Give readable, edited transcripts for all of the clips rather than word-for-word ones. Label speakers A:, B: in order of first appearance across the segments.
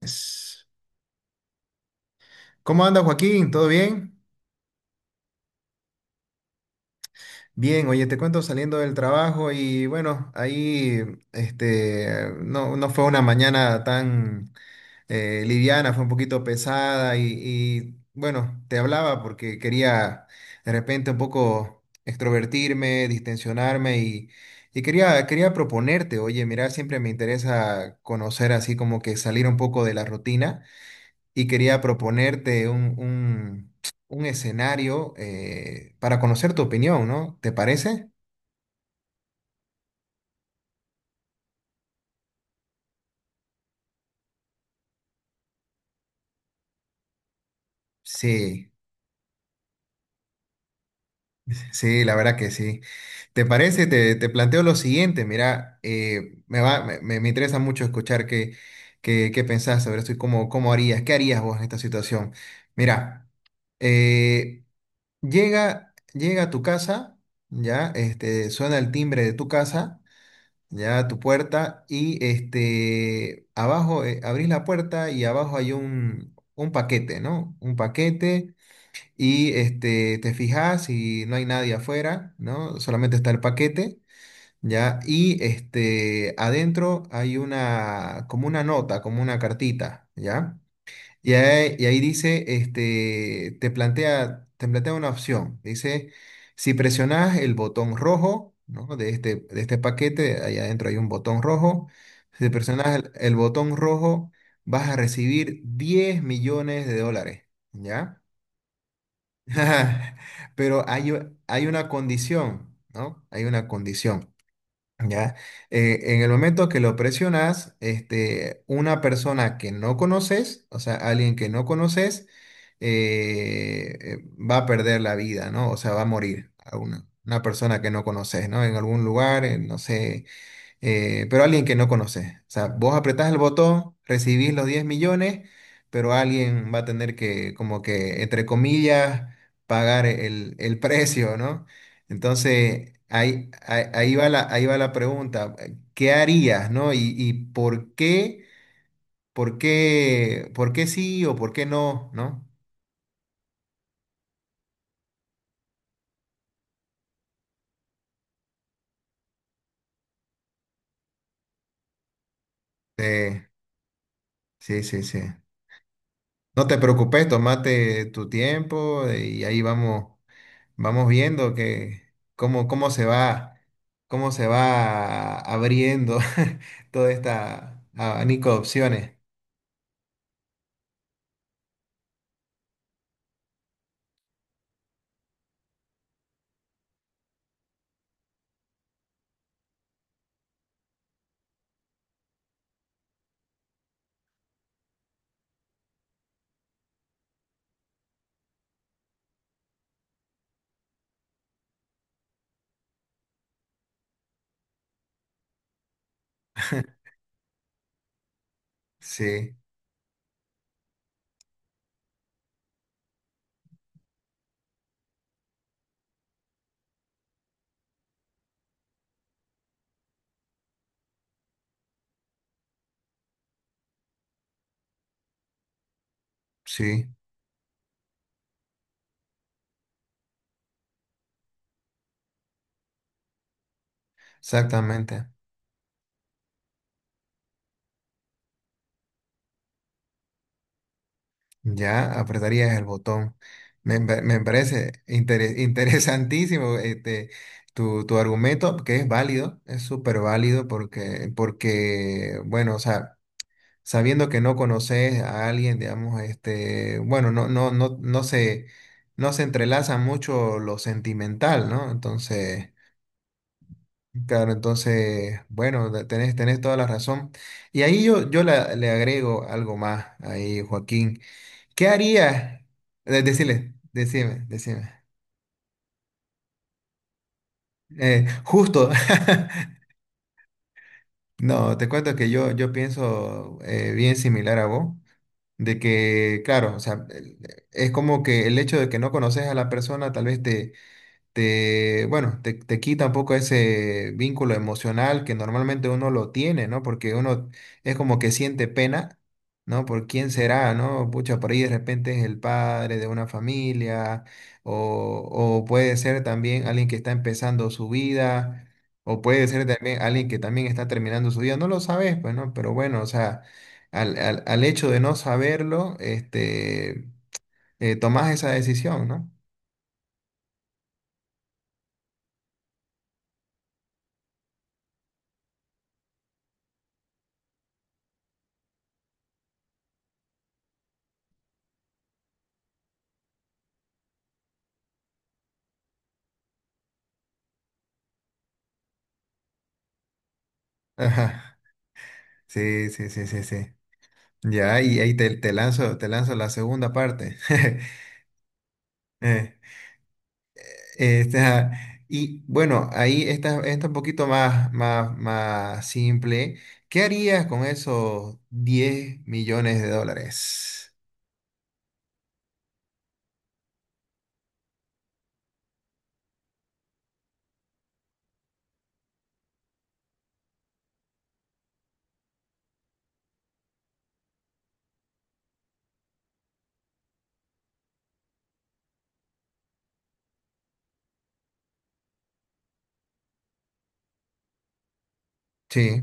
A: Es- ¿Cómo anda Joaquín? ¿Todo bien? Bien, oye, te cuento saliendo del trabajo y bueno, ahí este, no, no fue una mañana tan liviana, fue un poquito pesada y bueno, te hablaba porque quería de repente un poco extrovertirme, distensionarme y quería proponerte, oye, mira, siempre me interesa conocer así como que salir un poco de la rutina. Y quería proponerte un escenario para conocer tu opinión, ¿no? ¿Te parece? Sí, sí, la verdad que sí. ¿Te parece? Te planteo lo siguiente, mira, me va, me- me interesa mucho escuchar qué pensás sobre esto y cómo harías, qué harías vos en esta situación. Mira, eh, llega a tu casa, ya, este, suena el timbre de tu casa, ya tu puerta, y este abajo abrís la puerta y abajo hay un paquete, ¿no? Un paquete, y este te fijas y no hay nadie afuera, ¿no? Solamente está el paquete, ¿ya? Y este adentro hay una, como una nota, como una cartita, ¿ya? Y ahí dice, este, te plantea una opción. Dice, si presionas el botón rojo, ¿no? De este paquete, ahí adentro hay un botón rojo. Si presionas el botón rojo, vas a recibir 10 millones de dólares, ¿ya? Pero hay una condición, ¿no? Hay una condición. ¿Ya? En el momento que lo presionas, este, una persona que no conoces, o sea, alguien que no conoces, va a perder la vida, ¿no? O sea, va a morir a una persona que no conoces, ¿no? En algún lugar, en, no sé, pero alguien que no conoces. O sea, vos apretás el botón, recibís los 10 millones, pero alguien va a tener que, como que, entre comillas, pagar el precio, ¿no? Entonces, ahí va la pregunta, ¿qué harías, no? Y por qué, sí o por qué no, ¿no? Eh, sí, sí, sí. No te preocupes, tomate tu tiempo, y ahí vamos. Vamos viendo que cómo, cómo se va, cómo se va abriendo toda esta abanico de opciones. Sí, sí, exactamente. Ya apretarías el botón. Me parece interesantísimo este, tu argumento, que es válido, es súper válido porque, bueno, o sea, sabiendo que no conoces a alguien, digamos, este, bueno, no se entrelaza mucho lo sentimental, ¿no? Entonces, claro, entonces, bueno, tenés toda la razón. Y ahí yo le agrego algo más ahí, Joaquín. ¿Qué harías? Decile, decime. Justo. No, te cuento que yo pienso, bien similar a vos. De que, claro, o sea, es como que el hecho de que no conoces a la persona, tal vez te quita un poco ese vínculo emocional que normalmente uno lo tiene, ¿no? Porque uno es como que siente pena, ¿no? Por quién será, ¿no? Pucha, por ahí de repente es el padre de una familia, o, o puede ser también alguien que está empezando su vida, o puede ser también alguien que también está terminando su vida, no lo sabes, pues, ¿no? Pero bueno, o sea, al hecho de no saberlo, este, tomás esa decisión, ¿no? Ajá. Sí, sí, sí, sí, sí. Ya, y ahí te lanzo la segunda parte. Eh, esta- y bueno, ahí está, está un poquito más simple. ¿Qué harías con esos 10 millones de dólares? Sí,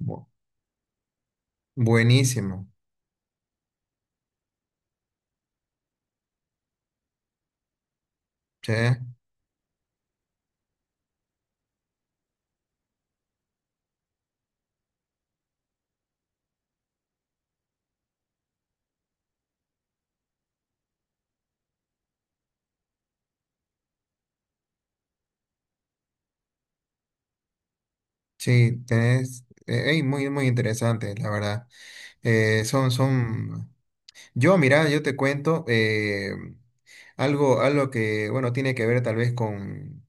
A: bu- buenísimo. Sí, sí, tenés, ey, muy interesante, la verdad. Son, son Yo, mira, yo te cuento, algo que, bueno, tiene que ver tal vez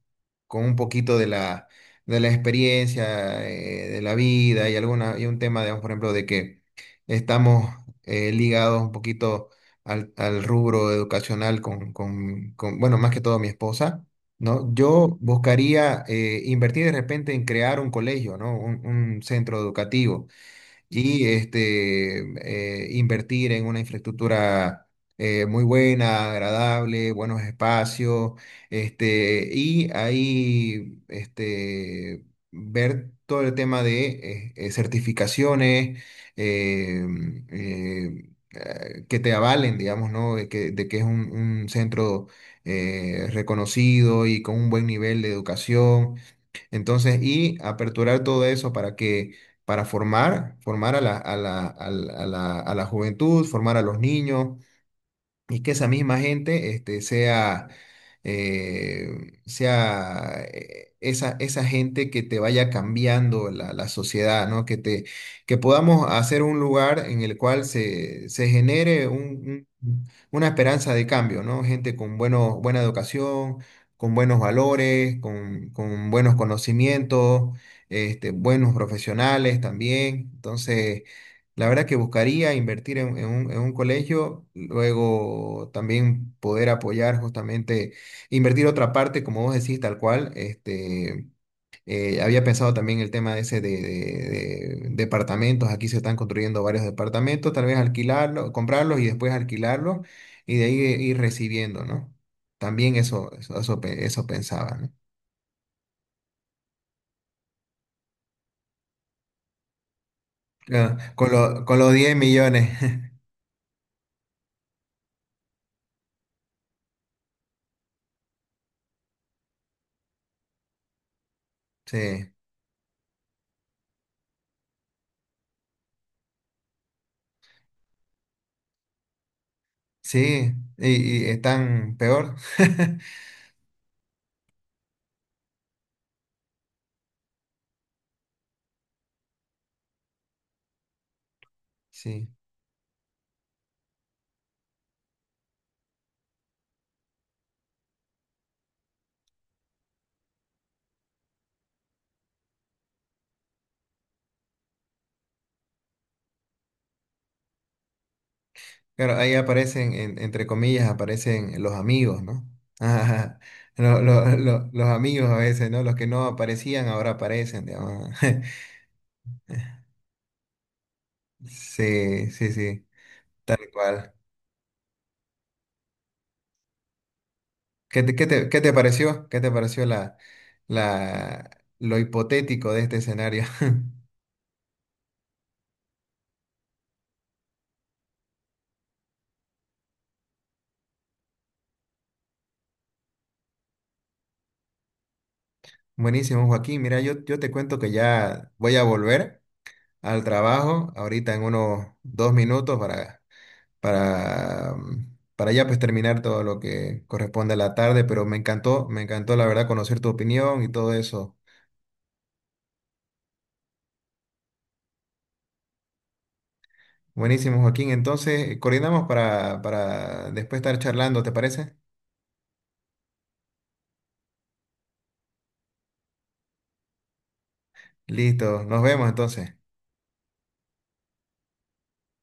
A: con un poquito de de la experiencia, de la vida y, alguna, y un tema, digamos, por ejemplo, de que estamos, ligados un poquito al rubro educacional con, bueno, más que todo mi esposa, ¿no? Yo buscaría, invertir de repente en crear un colegio, ¿no? Un centro educativo. Y este, invertir en una infraestructura muy buena, agradable, buenos espacios, este, y ahí este, ver todo el tema de certificaciones eh, que te avalen, digamos, ¿no? De que es un centro reconocido y con un buen nivel de educación. Entonces, y aperturar todo eso para que, formar a a la juventud, formar a los niños, y que esa misma gente este, sea esa gente que te vaya cambiando la sociedad, ¿no? Que podamos hacer un lugar en el cual se genere una esperanza de cambio, ¿no? Gente con buena educación, con buenos valores, con buenos conocimientos, este, buenos profesionales también. Entonces, la verdad que buscaría invertir en un colegio, luego también poder apoyar justamente, invertir otra parte, como vos decís, tal cual. Este, había pensado también el tema ese de departamentos, aquí se están construyendo varios departamentos, tal vez alquilarlos, comprarlos y después alquilarlos, y de ahí ir recibiendo, ¿no? También eso pensaba, ¿no? Ah, con los 10 millones. Sí, sí, y están peor. Sí, claro, ahí aparecen, entre comillas, aparecen los amigos, ¿no? Ajá, los amigos a veces, ¿no? Los que no aparecían ahora aparecen, digamos. Sí, sí, sí, tal cual. ¿Qué te pareció? ¿Qué te pareció la, lo hipotético de este escenario? Buenísimo, Joaquín. Mira, yo te cuento que ya voy a volver al trabajo ahorita en unos 2 minutos, para, para ya pues terminar todo lo que corresponde a la tarde, pero me encantó la verdad conocer tu opinión y todo eso. Buenísimo, Joaquín. Entonces, coordinamos para después estar charlando, ¿te parece? Listo, nos vemos entonces.